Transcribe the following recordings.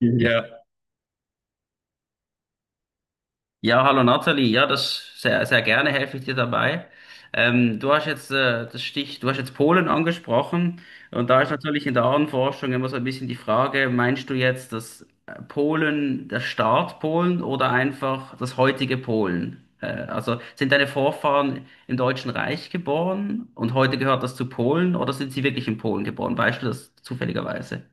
Ja. Ja, hallo Nathalie. Ja, das sehr, sehr gerne helfe ich dir dabei. Du hast jetzt das Stich, du hast jetzt Polen angesprochen, und da ist natürlich in der Ahnenforschung immer so ein bisschen die Frage, meinst du jetzt das Polen, der Staat Polen oder einfach das heutige Polen? Also sind deine Vorfahren im Deutschen Reich geboren und heute gehört das zu Polen, oder sind sie wirklich in Polen geboren? Weißt du das zufälligerweise?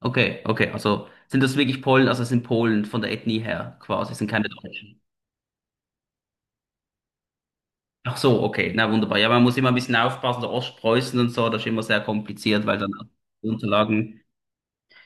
Okay, okay, also sind das wirklich Polen, also sind Polen von der Ethnie her quasi, sind keine Deutschen. Ach so, okay, na wunderbar. Ja, man muss immer ein bisschen aufpassen, so Ostpreußen und so, das ist immer sehr kompliziert, weil dann auch die Unterlagen.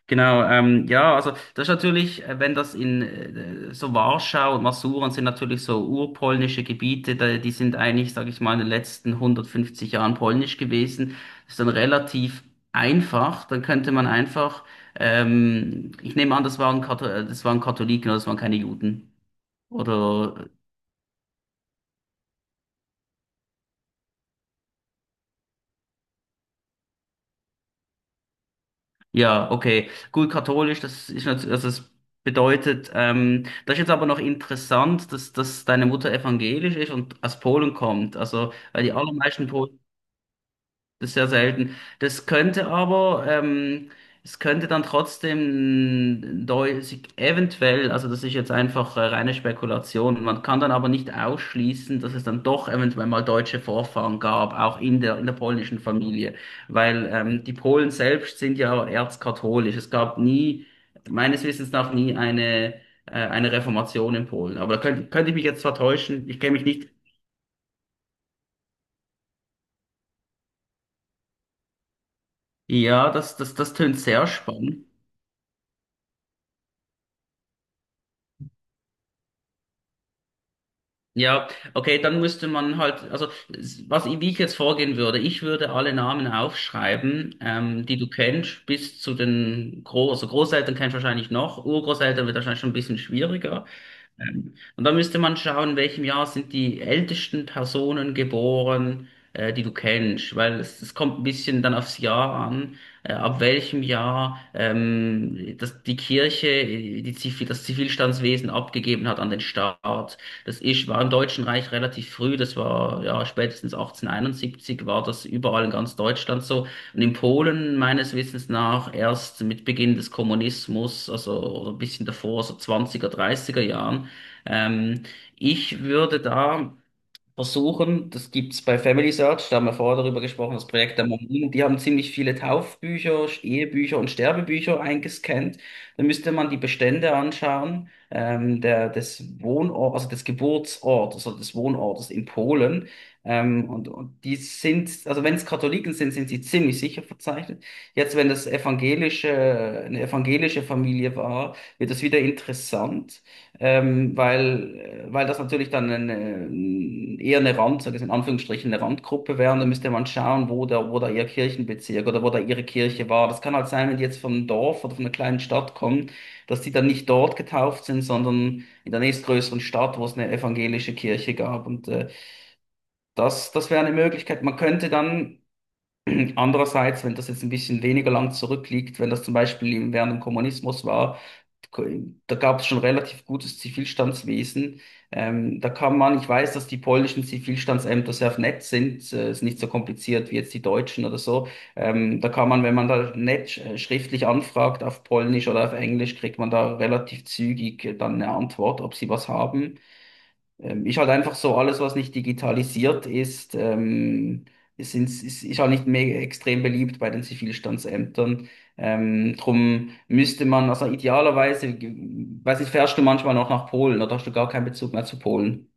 Genau, ja, also das ist natürlich, wenn das in so Warschau und Masuren sind, natürlich so urpolnische Gebiete, da, die sind eigentlich, sage ich mal, in den letzten 150 Jahren polnisch gewesen. Das ist dann relativ einfach. Dann könnte man einfach, ich nehme an, das waren Kathol das waren Katholiken, oder das waren keine Juden. Oder? Ja, okay. Gut, katholisch, das ist natürlich, also das bedeutet, das ist jetzt aber noch interessant, dass, dass deine Mutter evangelisch ist und aus Polen kommt. Also, weil die allermeisten Polen, das ist sehr selten. Das könnte aber, es könnte dann trotzdem sich eventuell, also das ist jetzt einfach reine Spekulation, man kann dann aber nicht ausschließen, dass es dann doch eventuell mal deutsche Vorfahren gab, auch in der polnischen Familie, weil die Polen selbst sind ja erzkatholisch. Es gab nie, meines Wissens nach, nie eine, eine Reformation in Polen. Aber da könnte, könnte ich mich jetzt vertäuschen, ich kenne mich nicht. Ja, das, das, das tönt sehr spannend. Ja, okay, dann müsste man halt, also was ich, wie ich jetzt vorgehen würde, ich würde alle Namen aufschreiben, die du kennst, bis zu den Groß, also Großeltern kennst du wahrscheinlich noch, Urgroßeltern wird wahrscheinlich schon ein bisschen schwieriger, und da müsste man schauen, in welchem Jahr sind die ältesten Personen geboren, die du kennst, weil es kommt ein bisschen dann aufs Jahr an, ab welchem Jahr das, die Kirche die Zivil, das Zivilstandswesen abgegeben hat an den Staat. Das ist, war im Deutschen Reich relativ früh, das war ja spätestens 1871, war das überall in ganz Deutschland so. Und in Polen meines Wissens nach erst mit Beginn des Kommunismus, also oder ein bisschen davor, so 20er, 30er Jahren. Ähm, Ich würde da versuchen, das gibt's bei Family Search, da haben wir vorher darüber gesprochen, das Projekt der Mormonen, die haben ziemlich viele Taufbücher, Ehebücher und Sterbebücher eingescannt. Da müsste man die Bestände anschauen, der, des Wohnort, also des Geburtsortes oder des Wohnortes in Polen. Und die sind, also wenn es Katholiken sind, sind sie ziemlich sicher verzeichnet. Jetzt, wenn das evangelische, eine evangelische Familie war, wird das wieder interessant. Weil, weil das natürlich dann eine, eher eine Rand, sag ich in Anführungsstrichen, eine Randgruppe wäre, und dann müsste man schauen, wo da ihr Kirchenbezirk oder wo da ihre Kirche war. Das kann halt sein, wenn die jetzt vom Dorf oder von einer kleinen Stadt kommen, dass die dann nicht dort getauft sind, sondern in der nächstgrößeren Stadt, wo es eine evangelische Kirche gab. Und das, das wäre eine Möglichkeit. Man könnte dann andererseits, wenn das jetzt ein bisschen weniger lang zurückliegt, wenn das zum Beispiel während dem Kommunismus war, da gab es schon relativ gutes Zivilstandswesen. Da kann man, ich weiß, dass die polnischen Zivilstandsämter sehr nett sind, ist nicht so kompliziert wie jetzt die deutschen oder so. Da kann man, wenn man da nett schriftlich anfragt auf Polnisch oder auf Englisch, kriegt man da relativ zügig dann eine Antwort, ob sie was haben. Ist halt einfach so, alles, was nicht digitalisiert ist, ist halt nicht mehr extrem beliebt bei den Zivilstandsämtern. Drum müsste man, also idealerweise, weiß nicht, fährst du manchmal noch nach Polen oder hast du gar keinen Bezug mehr zu Polen?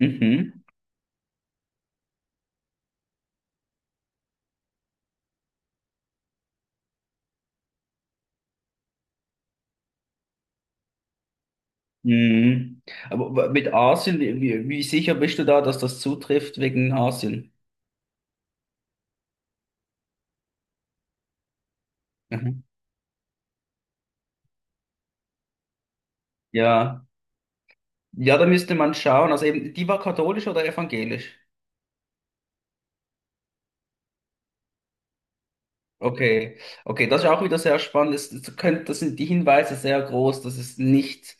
Mhm. Mhm. Aber mit Asien, wie, wie sicher bist du da, dass das zutrifft wegen Asien? Mhm. Ja. Ja, da müsste man schauen. Also eben, die war katholisch oder evangelisch? Okay, okay, das ist auch wieder sehr spannend. Das, das, könnt, das sind die Hinweise sehr groß, dass es nicht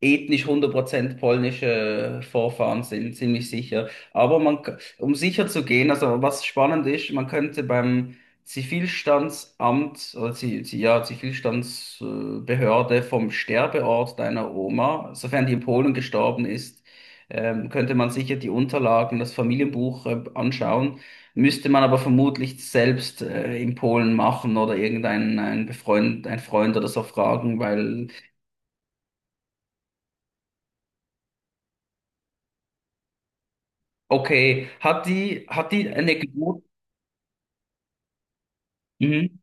ethnisch 100% polnische Vorfahren sind, ziemlich sicher. Aber man, um sicher zu gehen, also was spannend ist, man könnte beim Zivilstandsamt oder ja, Zivilstandsbehörde vom Sterbeort deiner Oma, sofern die in Polen gestorben ist, könnte man sicher die Unterlagen, das Familienbuch anschauen. Müsste man aber vermutlich selbst in Polen machen oder irgendeinen einen Befreund, ein Freund oder so fragen, weil, okay, hat die eine Geburt? Mhm.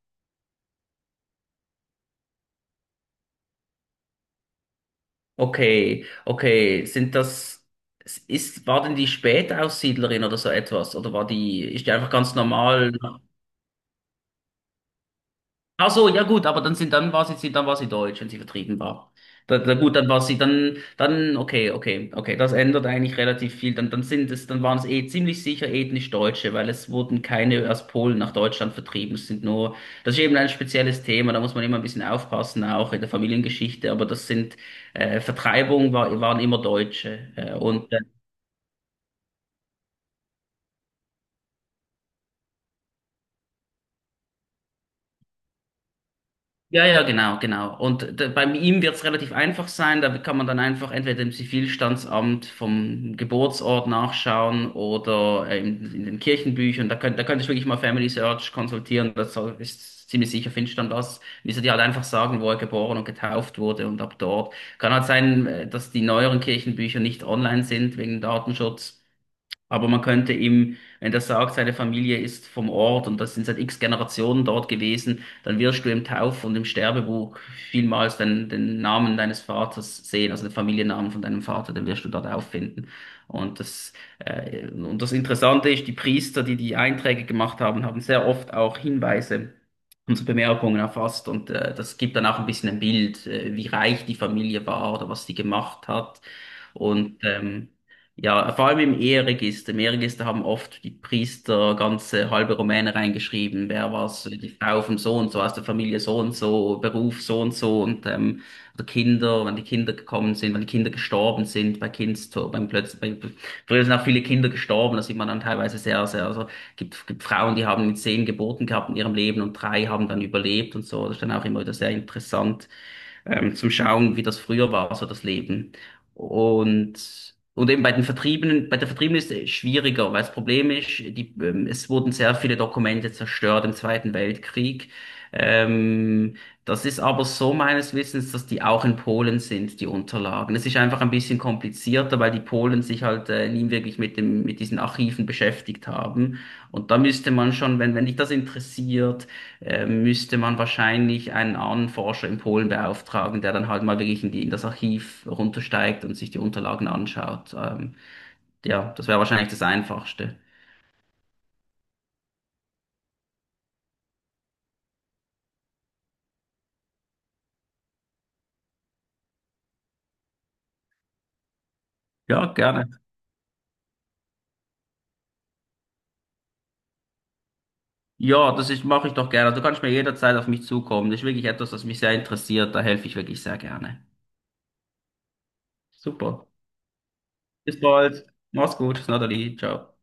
Okay, okay, sind das, ist, war denn die Spätaussiedlerin oder so etwas? Oder war die, ist die einfach ganz normal? Ach so, ja gut, aber dann sind, dann war sie, dann war sie deutsch, wenn sie vertrieben war. Da, da, gut, dann war sie, dann, dann, okay, okay, okay, das ändert eigentlich relativ viel. Dann, dann sind es, dann waren es eh ziemlich sicher ethnisch Deutsche, weil es wurden keine aus Polen nach Deutschland vertrieben. Es sind nur, das ist eben ein spezielles Thema, da muss man immer ein bisschen aufpassen, auch in der Familiengeschichte, aber das sind, Vertreibung war, waren immer Deutsche. Und ja, ja, genau, genau. Und bei ihm wird es relativ einfach sein. Da kann man dann einfach entweder im Zivilstandsamt vom Geburtsort nachschauen oder in den Kirchenbüchern. Da könnt, da könntest du wirklich mal Family Search konsultieren. Das ist ziemlich sicher, findest du dann das. Müsste dir halt einfach sagen, wo er geboren und getauft wurde und ab dort. Kann halt sein, dass die neueren Kirchenbücher nicht online sind wegen Datenschutz. Aber man könnte ihm, wenn der sagt, seine Familie ist vom Ort und das sind seit x Generationen dort gewesen, dann wirst du im Tauf- und im Sterbebuch vielmals den, den Namen deines Vaters sehen, also den Familiennamen von deinem Vater, den wirst du dort auffinden. Und das, und das Interessante ist, die Priester, die die Einträge gemacht haben, haben sehr oft auch Hinweise und so Bemerkungen erfasst, und das gibt dann auch ein bisschen ein Bild, wie reich die Familie war oder was sie gemacht hat. Und ja, vor allem im Eheregister. Im Eheregister haben oft die Priester ganze halbe Romane reingeschrieben. Wer was, die Frau vom so und so, aus der Familie so und so, Beruf so und so, und oder Kinder, wenn die Kinder gekommen sind, wenn die Kinder gestorben sind, bei Kindstod, beim plötzlich, bei, früher sind auch viele Kinder gestorben, da sieht man dann teilweise sehr, sehr, also gibt, gibt Frauen, die haben 10 Geburten gehabt in ihrem Leben und drei haben dann überlebt und so. Das ist dann auch immer wieder sehr interessant zum Schauen, wie das früher war, so das Leben. Und, und eben bei den Vertriebenen, bei der Vertriebenen ist es schwieriger, weil das Problem ist, die, es wurden sehr viele Dokumente zerstört im Zweiten Weltkrieg. Ähm, Das ist aber so meines Wissens, dass die auch in Polen sind, die Unterlagen. Es ist einfach ein bisschen komplizierter, weil die Polen sich halt nie wirklich mit dem, mit diesen Archiven beschäftigt haben. Und da müsste man schon, wenn, wenn dich das interessiert, müsste man wahrscheinlich einen anderen Forscher in Polen beauftragen, der dann halt mal wirklich in die, in das Archiv runtersteigt und sich die Unterlagen anschaut. Ja, das wäre wahrscheinlich das Einfachste. Ja, gerne. Ja, das ist, mache ich doch gerne. Also du kannst mir jederzeit auf mich zukommen. Das ist wirklich etwas, das mich sehr interessiert. Da helfe ich wirklich sehr gerne. Super. Bis bald. Mach's gut. Natalie. Ciao.